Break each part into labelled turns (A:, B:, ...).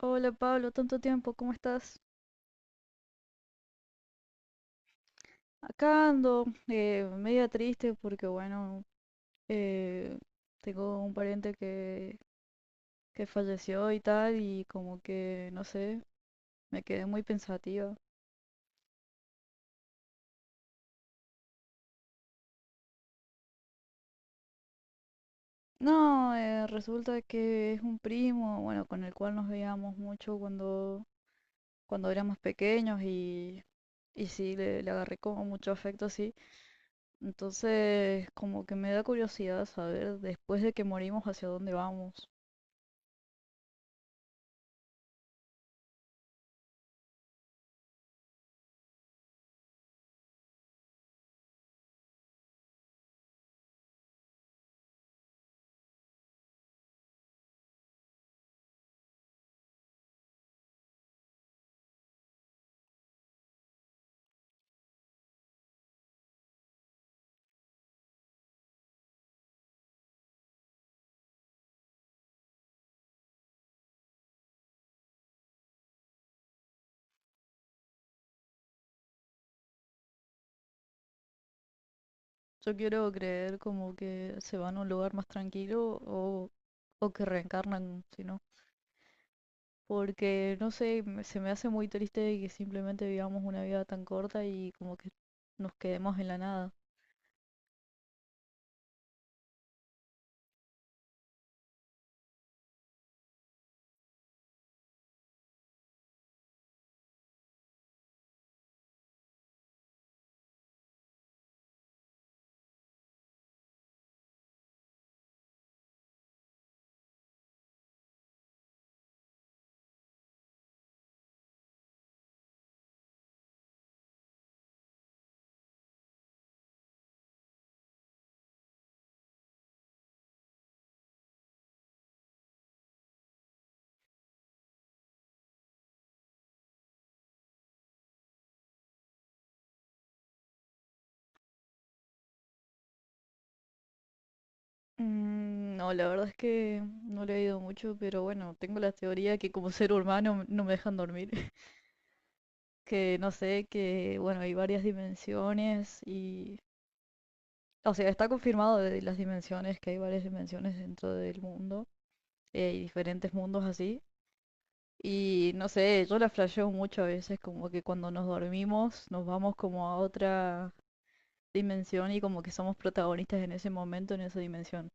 A: Hola Pablo, tanto tiempo, ¿cómo estás? Acá ando, media triste porque bueno, eh, tengo un pariente que falleció y tal y como que, no sé, me quedé muy pensativa. No, resulta que es un primo, bueno, con el cual nos veíamos mucho cuando éramos pequeños y sí, le agarré como mucho afecto, sí. Entonces, como que me da curiosidad saber después de que morimos hacia dónde vamos. Yo quiero creer como que se van a un lugar más tranquilo o que reencarnan, si no. Porque, no sé, se me hace muy triste que simplemente vivamos una vida tan corta y como que nos quedemos en la nada. Mm, no, la verdad es que no le he ido mucho, pero bueno, tengo la teoría que como ser humano no me dejan dormir. Que no sé, que bueno, hay varias dimensiones y. O sea, está confirmado de las dimensiones, que hay varias dimensiones dentro del mundo, y diferentes mundos así. Y no sé, yo la flasheo mucho a veces, como que cuando nos dormimos nos vamos como a otra dimensión y como que somos protagonistas en ese momento, en esa dimensión.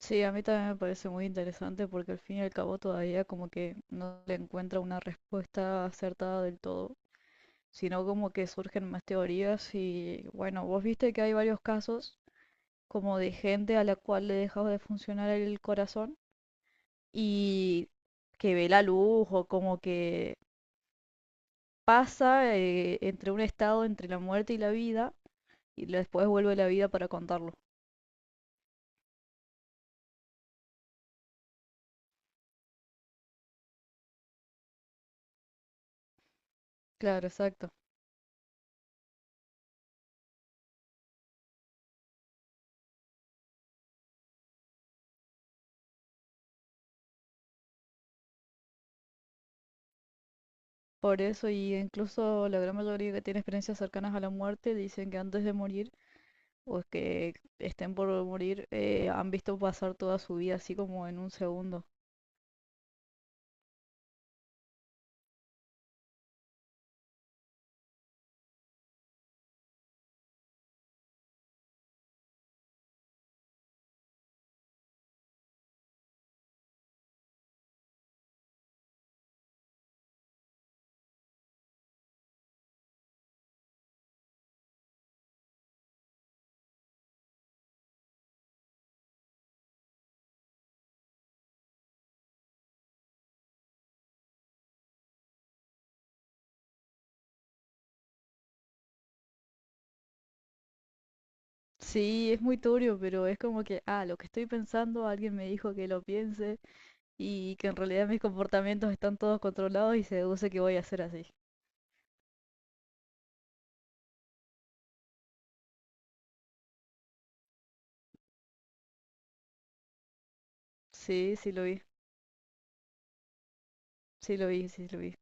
A: Sí, a mí también me parece muy interesante porque al fin y al cabo todavía como que no le encuentra una respuesta acertada del todo, sino como que surgen más teorías y bueno, vos viste que hay varios casos como de gente a la cual le dejaba de funcionar el corazón y que ve la luz o como que pasa, entre un estado entre la muerte y la vida y después vuelve a la vida para contarlo. Claro, exacto. Por eso y incluso la gran mayoría que tiene experiencias cercanas a la muerte dicen que antes de morir o que estén por morir, han visto pasar toda su vida así como en un segundo. Sí, es muy turbio, pero es como que, ah, lo que estoy pensando, alguien me dijo que lo piense y que en realidad mis comportamientos están todos controlados y se deduce que voy a ser así. Sí, sí lo vi, sí lo vi, sí lo vi.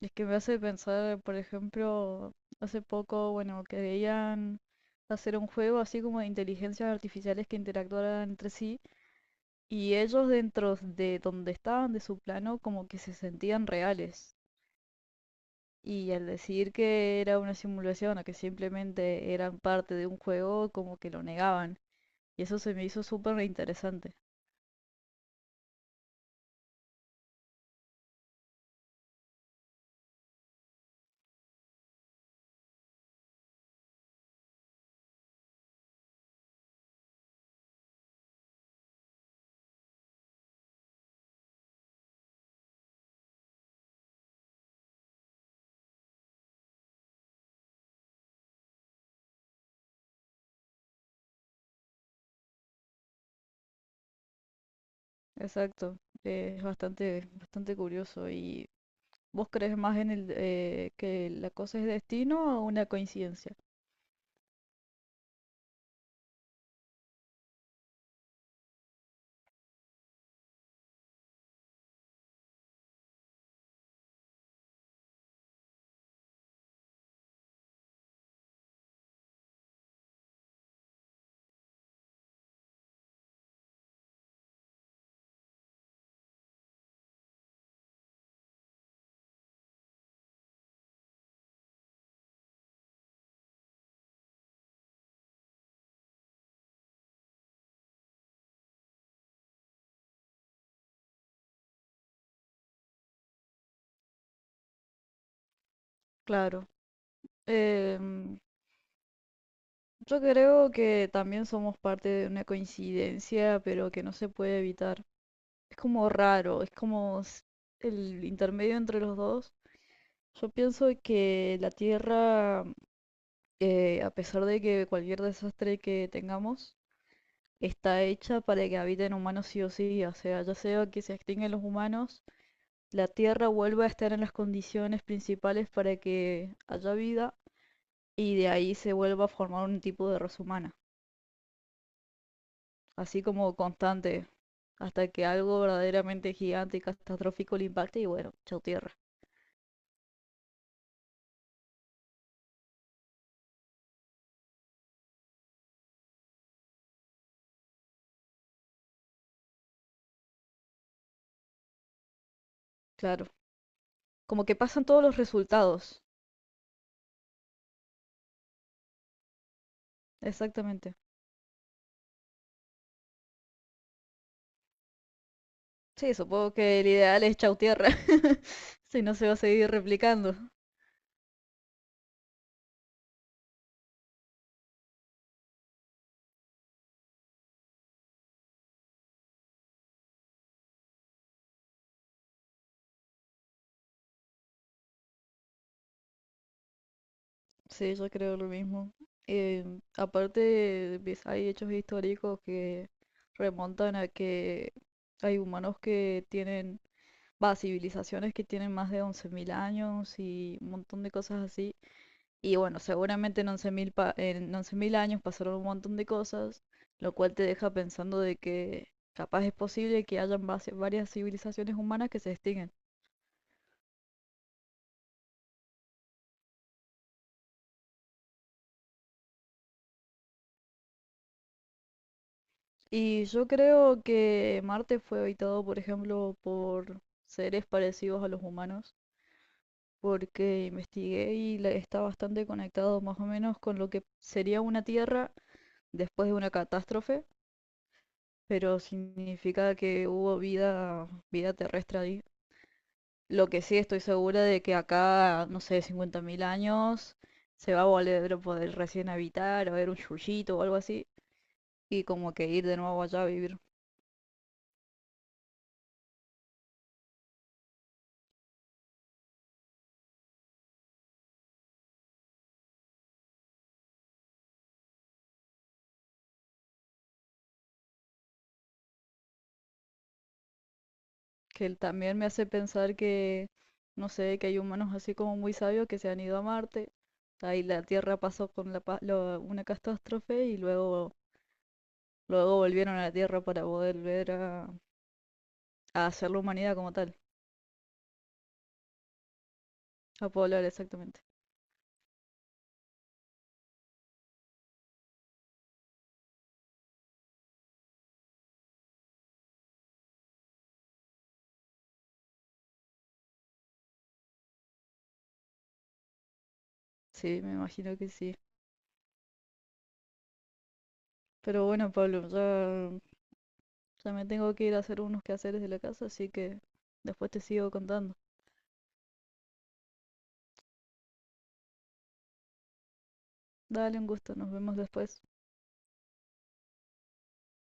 A: Es que me hace pensar, por ejemplo, hace poco, bueno, querían hacer un juego así como de inteligencias artificiales que interactuaran entre sí y ellos dentro de donde estaban, de su plano, como que se sentían reales. Y al decir que era una simulación o que simplemente eran parte de un juego, como que lo negaban. Y eso se me hizo súper interesante. Exacto. Es bastante, bastante curioso. Y ¿vos crees más en el que la cosa es destino o una coincidencia? Claro. Em, yo creo que también somos parte de una coincidencia, pero que no se puede evitar. Es como raro, es como el intermedio entre los dos. Yo pienso que la Tierra, a pesar de que cualquier desastre que tengamos, está hecha para que habiten humanos sí o sí. O sea, ya sea que se extinguen los humanos, la Tierra vuelva a estar en las condiciones principales para que haya vida y de ahí se vuelva a formar un tipo de raza humana, así como constante, hasta que algo verdaderamente gigante y catastrófico le impacte y bueno, chao Tierra. Claro, como que pasan todos los resultados, exactamente. Sí, supongo que el ideal es chau tierra, si no se va a seguir replicando. Sí, yo creo lo mismo. Eh, Aparte, hay hechos históricos que remontan a que hay humanos que tienen, va, civilizaciones que tienen más de 11.000 años y un montón de cosas así. Y bueno, seguramente en 11.000 años pasaron un montón de cosas, lo cual te deja pensando de que capaz es posible que hayan varias civilizaciones humanas que se extinguen. Y yo creo que Marte fue habitado, por ejemplo, por seres parecidos a los humanos, porque investigué y está bastante conectado más o menos con lo que sería una Tierra después de una catástrofe, pero significa que hubo vida, vida terrestre ahí. Lo que sí estoy segura de que acá, no sé, 50.000 años se va a volver a poder recién habitar, a ver un yuyito o algo así, y como que ir de nuevo allá a vivir. Que él también me hace pensar que, no sé, que hay humanos así como muy sabios que se han ido a Marte, ahí la Tierra pasó con una catástrofe y luego volvieron a la Tierra para poder ver a hacer la humanidad como tal, a poblar exactamente. Sí, me imagino que sí. Pero bueno, Pablo, ya me tengo que ir a hacer unos quehaceres de la casa, así que después te sigo contando. Dale un gusto, nos vemos después.